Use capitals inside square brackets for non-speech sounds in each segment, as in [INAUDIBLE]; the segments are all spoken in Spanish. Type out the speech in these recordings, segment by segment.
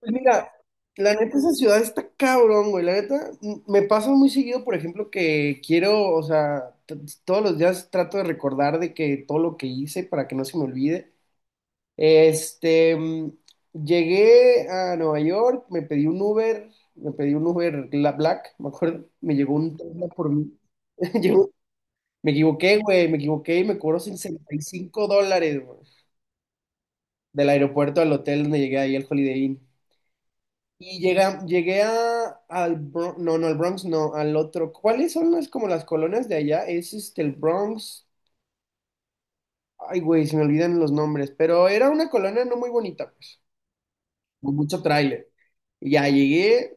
Pues mira, la neta esa ciudad está cabrón, güey. La neta me pasa muy seguido, por ejemplo, que quiero, o sea, todos los días trato de recordar de que todo lo que hice para que no se me olvide. Este, llegué a Nueva York, me pedí un Uber, me pedí un Uber Black, me acuerdo, me llegó un Tesla por mí. [LAUGHS] Llegó- me equivoqué, güey, me equivoqué y me cobró $65, güey, del aeropuerto al hotel donde llegué ahí al Holiday Inn. Y llegué a, al Bronx, no, no, al Bronx, no, al otro. ¿Cuáles son las como las colonias de allá? Es este, el Bronx. Ay, güey, se me olvidan los nombres, pero era una colonia no muy bonita, pues, con mucho tráiler. Y ya llegué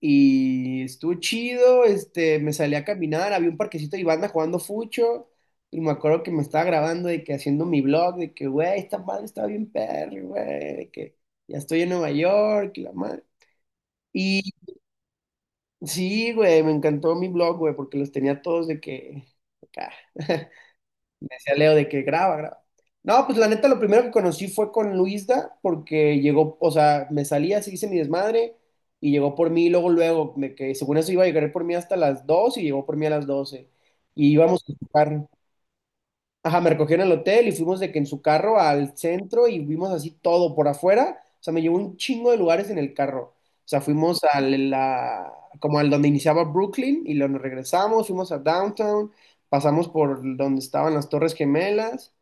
y estuvo chido, este, me salí a caminar, había un parquecito y banda jugando fucho. Y me acuerdo que me estaba grabando de que haciendo mi blog, de que, güey, esta madre está bien perro, güey, de que ya estoy en Nueva York y la madre. Sí, güey, me encantó mi blog, güey, porque los tenía todos de que... acá. [LAUGHS] Me decía Leo de que graba, graba. No, pues la neta, lo primero que conocí fue con Luisda, porque llegó, o sea, me salía, se hice mi desmadre, y llegó por mí, y luego, luego, que según eso iba a llegar por mí hasta las 2 y llegó por mí a las 12. Y íbamos a tocar. Ajá, me recogieron en el hotel y fuimos de que en su carro al centro y vimos así todo por afuera. O sea, me llevó un chingo de lugares en el carro. O sea, fuimos a la, como al donde iniciaba Brooklyn y luego nos regresamos, fuimos a Downtown, pasamos por donde estaban las Torres Gemelas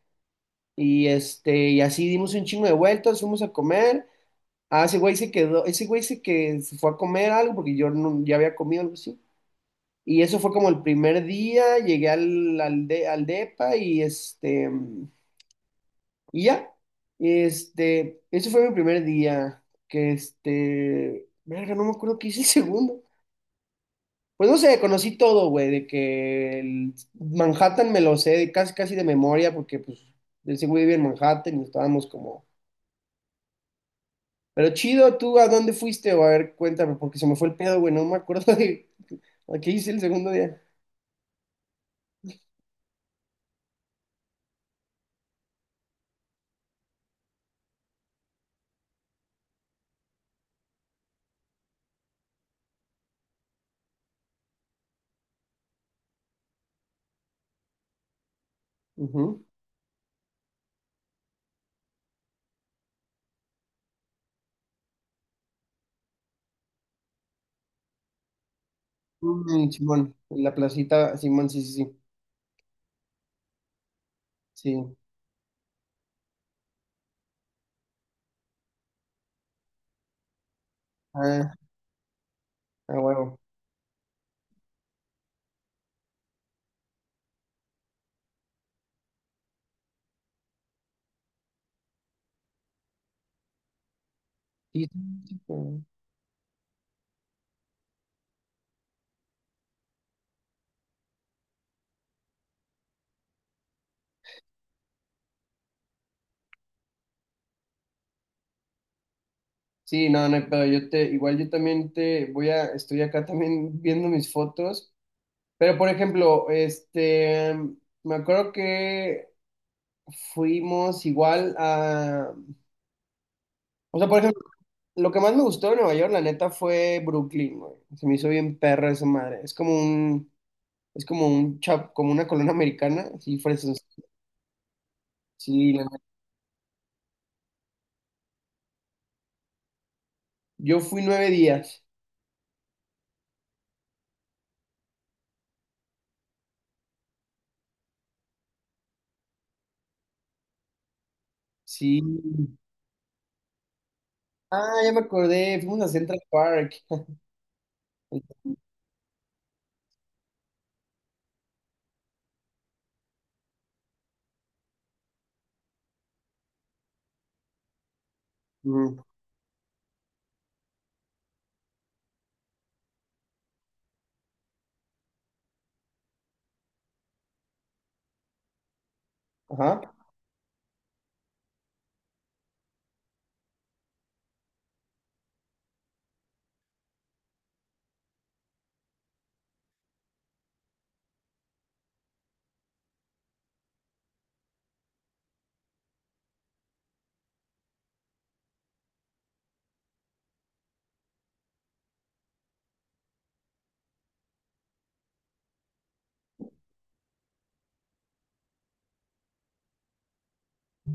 y este, y así dimos un chingo de vueltas, fuimos a comer. Ah, ese güey se quedó, ese güey se que se fue a comer algo porque yo no, ya había comido algo así. Y eso fue como el primer día, llegué al depa y este... Y ya, este, ese fue mi primer día, que este, verga, no me acuerdo qué hice el segundo. Pues no sé, conocí todo, güey, de que el Manhattan me lo sé de casi casi de memoria, porque pues ese güey vive en Manhattan y estábamos como, pero chido, ¿tú a dónde fuiste? O a ver, cuéntame, porque se me fue el pedo, güey, no me acuerdo de a qué hice el segundo día. Ujú. Mm, Simón, en la placita, Simón, sí, sí, sí, sí, ah, a huevo. Sí, sí, sí. Sí. Sí. Sí, no, no hay pedo. Yo te, igual yo también te voy a, estoy acá también viendo mis fotos. Pero por ejemplo, este, me acuerdo que fuimos igual a, o sea, por ejemplo, lo que más me gustó de Nueva York, la neta, fue Brooklyn, güey. Se me hizo bien perra esa madre. Es como un chap, como una colonia americana, sí, fresas. Sí, la neta. Yo fui 9 días. Sí. Ah, ya me acordé. Fuimos a Central Park. [LAUGHS] Ujú. Ajá.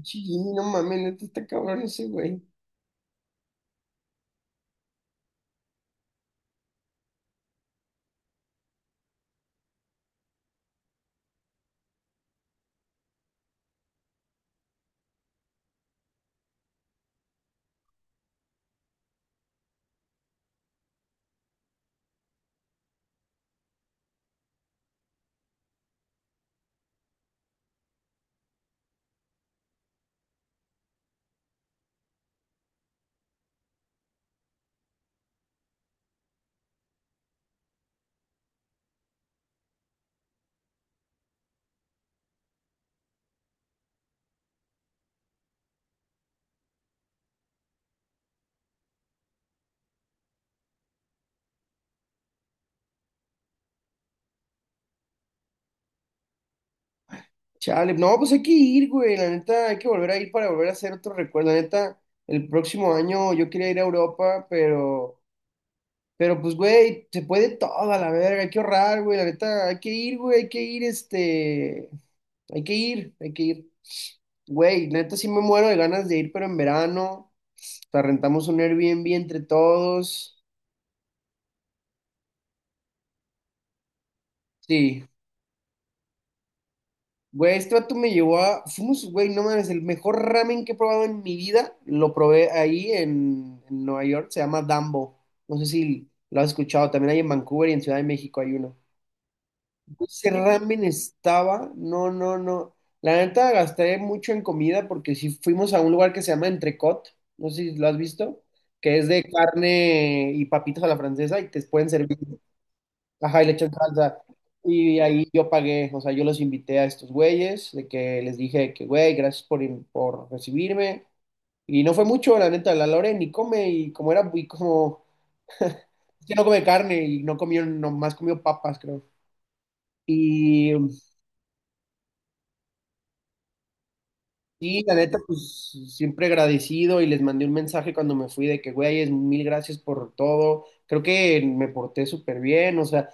Sí, no mames, neta está cabrón ese güey. Chale, no, pues hay que ir, güey. La neta, hay que volver a ir para volver a hacer otro recuerdo. La neta, el próximo año yo quería ir a Europa, pero pues, güey, se puede toda la verga, hay que ahorrar, güey. La neta, hay que ir, güey, hay que ir, este, hay que ir, hay que ir. Güey, neta, sí me muero de ganas de ir, pero en verano. O sea, rentamos un Airbnb entre todos. Sí. Güey, este vato me llevó a. Fuimos, güey, no mames, el mejor ramen que he probado en mi vida. Lo probé ahí en Nueva York, se llama Dambo. No sé si lo has escuchado. También hay en Vancouver y en Ciudad de México hay uno. Ese ramen estaba. No, no, no. La neta gasté mucho en comida porque si fuimos a un lugar que se llama Entrecot. No sé si lo has visto. Que es de carne y papitas a la francesa y te pueden servir, ajá, y le echas salsa. Y ahí yo pagué, o sea, yo los invité a estos güeyes, de que les dije que, güey, gracias por recibirme. Y no fue mucho, la neta, la Lore ni come, y como era, y como, [LAUGHS] es que no come carne, y no comió, nomás comió papas, creo. Y sí, la neta, pues siempre agradecido y les mandé un mensaje cuando me fui de que, güey, mil gracias por todo. Creo que me porté súper bien, o sea,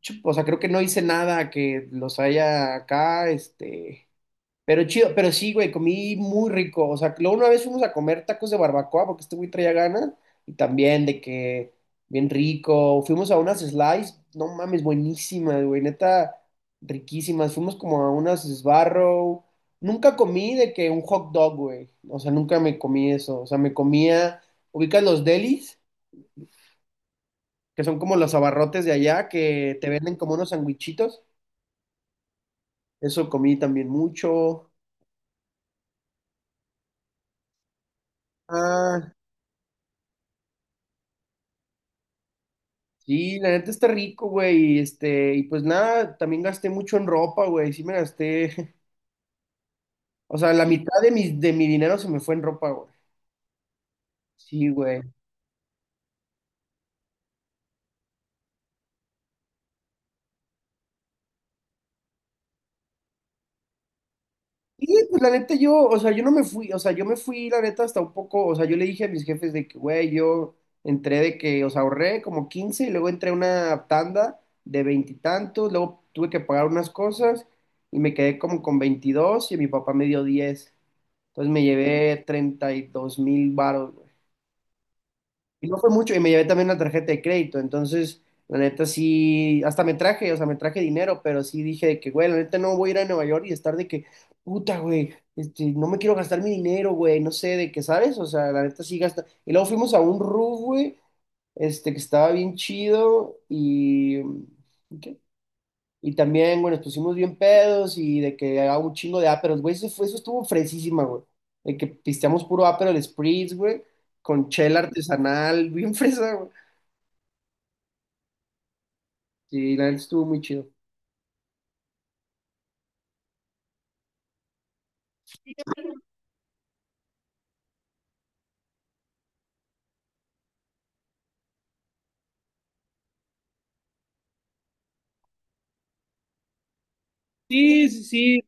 o sea, creo que no hice nada que los haya acá, este. Pero chido, pero sí, güey, comí muy rico. O sea, luego una vez fuimos a comer tacos de barbacoa porque este güey traía ganas. Y también de que bien rico. Fuimos a unas slice, no mames, buenísimas, güey, neta, riquísimas. Fuimos como a unas Sbarro. Nunca comí de que un hot dog, güey. O sea, nunca me comí eso. O sea, me comía, ubicas los delis, que son como los abarrotes de allá, que te venden como unos sandwichitos. Eso comí también mucho. Ah, sí, la neta está rico, güey. Y este, y pues nada, también gasté mucho en ropa, güey. Sí me gasté. [LAUGHS] O sea, la mitad de mi dinero se me fue en ropa, güey. Sí, güey. Y pues la neta yo, o sea, yo no me fui, o sea, yo me fui, la neta, hasta un poco, o sea, yo le dije a mis jefes de que, güey, yo entré de que, o sea, ahorré como 15 y luego entré a una tanda de veintitantos, luego tuve que pagar unas cosas y me quedé como con 22 y mi papá me dio 10. Entonces me llevé 32,000 baros. Y no fue mucho, y me llevé también una tarjeta de crédito, entonces, la neta sí, hasta me traje, o sea, me traje dinero, pero sí dije de que, güey, la neta no voy a ir a Nueva York y estar de que, puta, güey, este, no me quiero gastar mi dinero, güey, no sé, de qué, ¿sabes? O sea, la neta sí gasta. Y luego fuimos a un roof, güey, este, que estaba bien chido, y, ¿qué? Y también, bueno, nos pusimos bien pedos y de que haga un chingo de Aperol, güey. Eso fue, eso estuvo fresísima, güey. De que pisteamos puro ápero, el Spritz, güey, con chela artesanal, [LAUGHS] bien fresa, güey. Sí, la neta estuvo muy chido. Sí, sí, sí.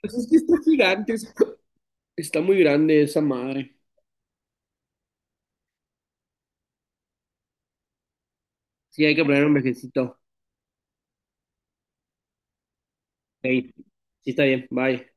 Pues es que está gigante. Está muy grande esa madre. Sí, hay que poner un viajecito. Hey, sí, está bien. Bye.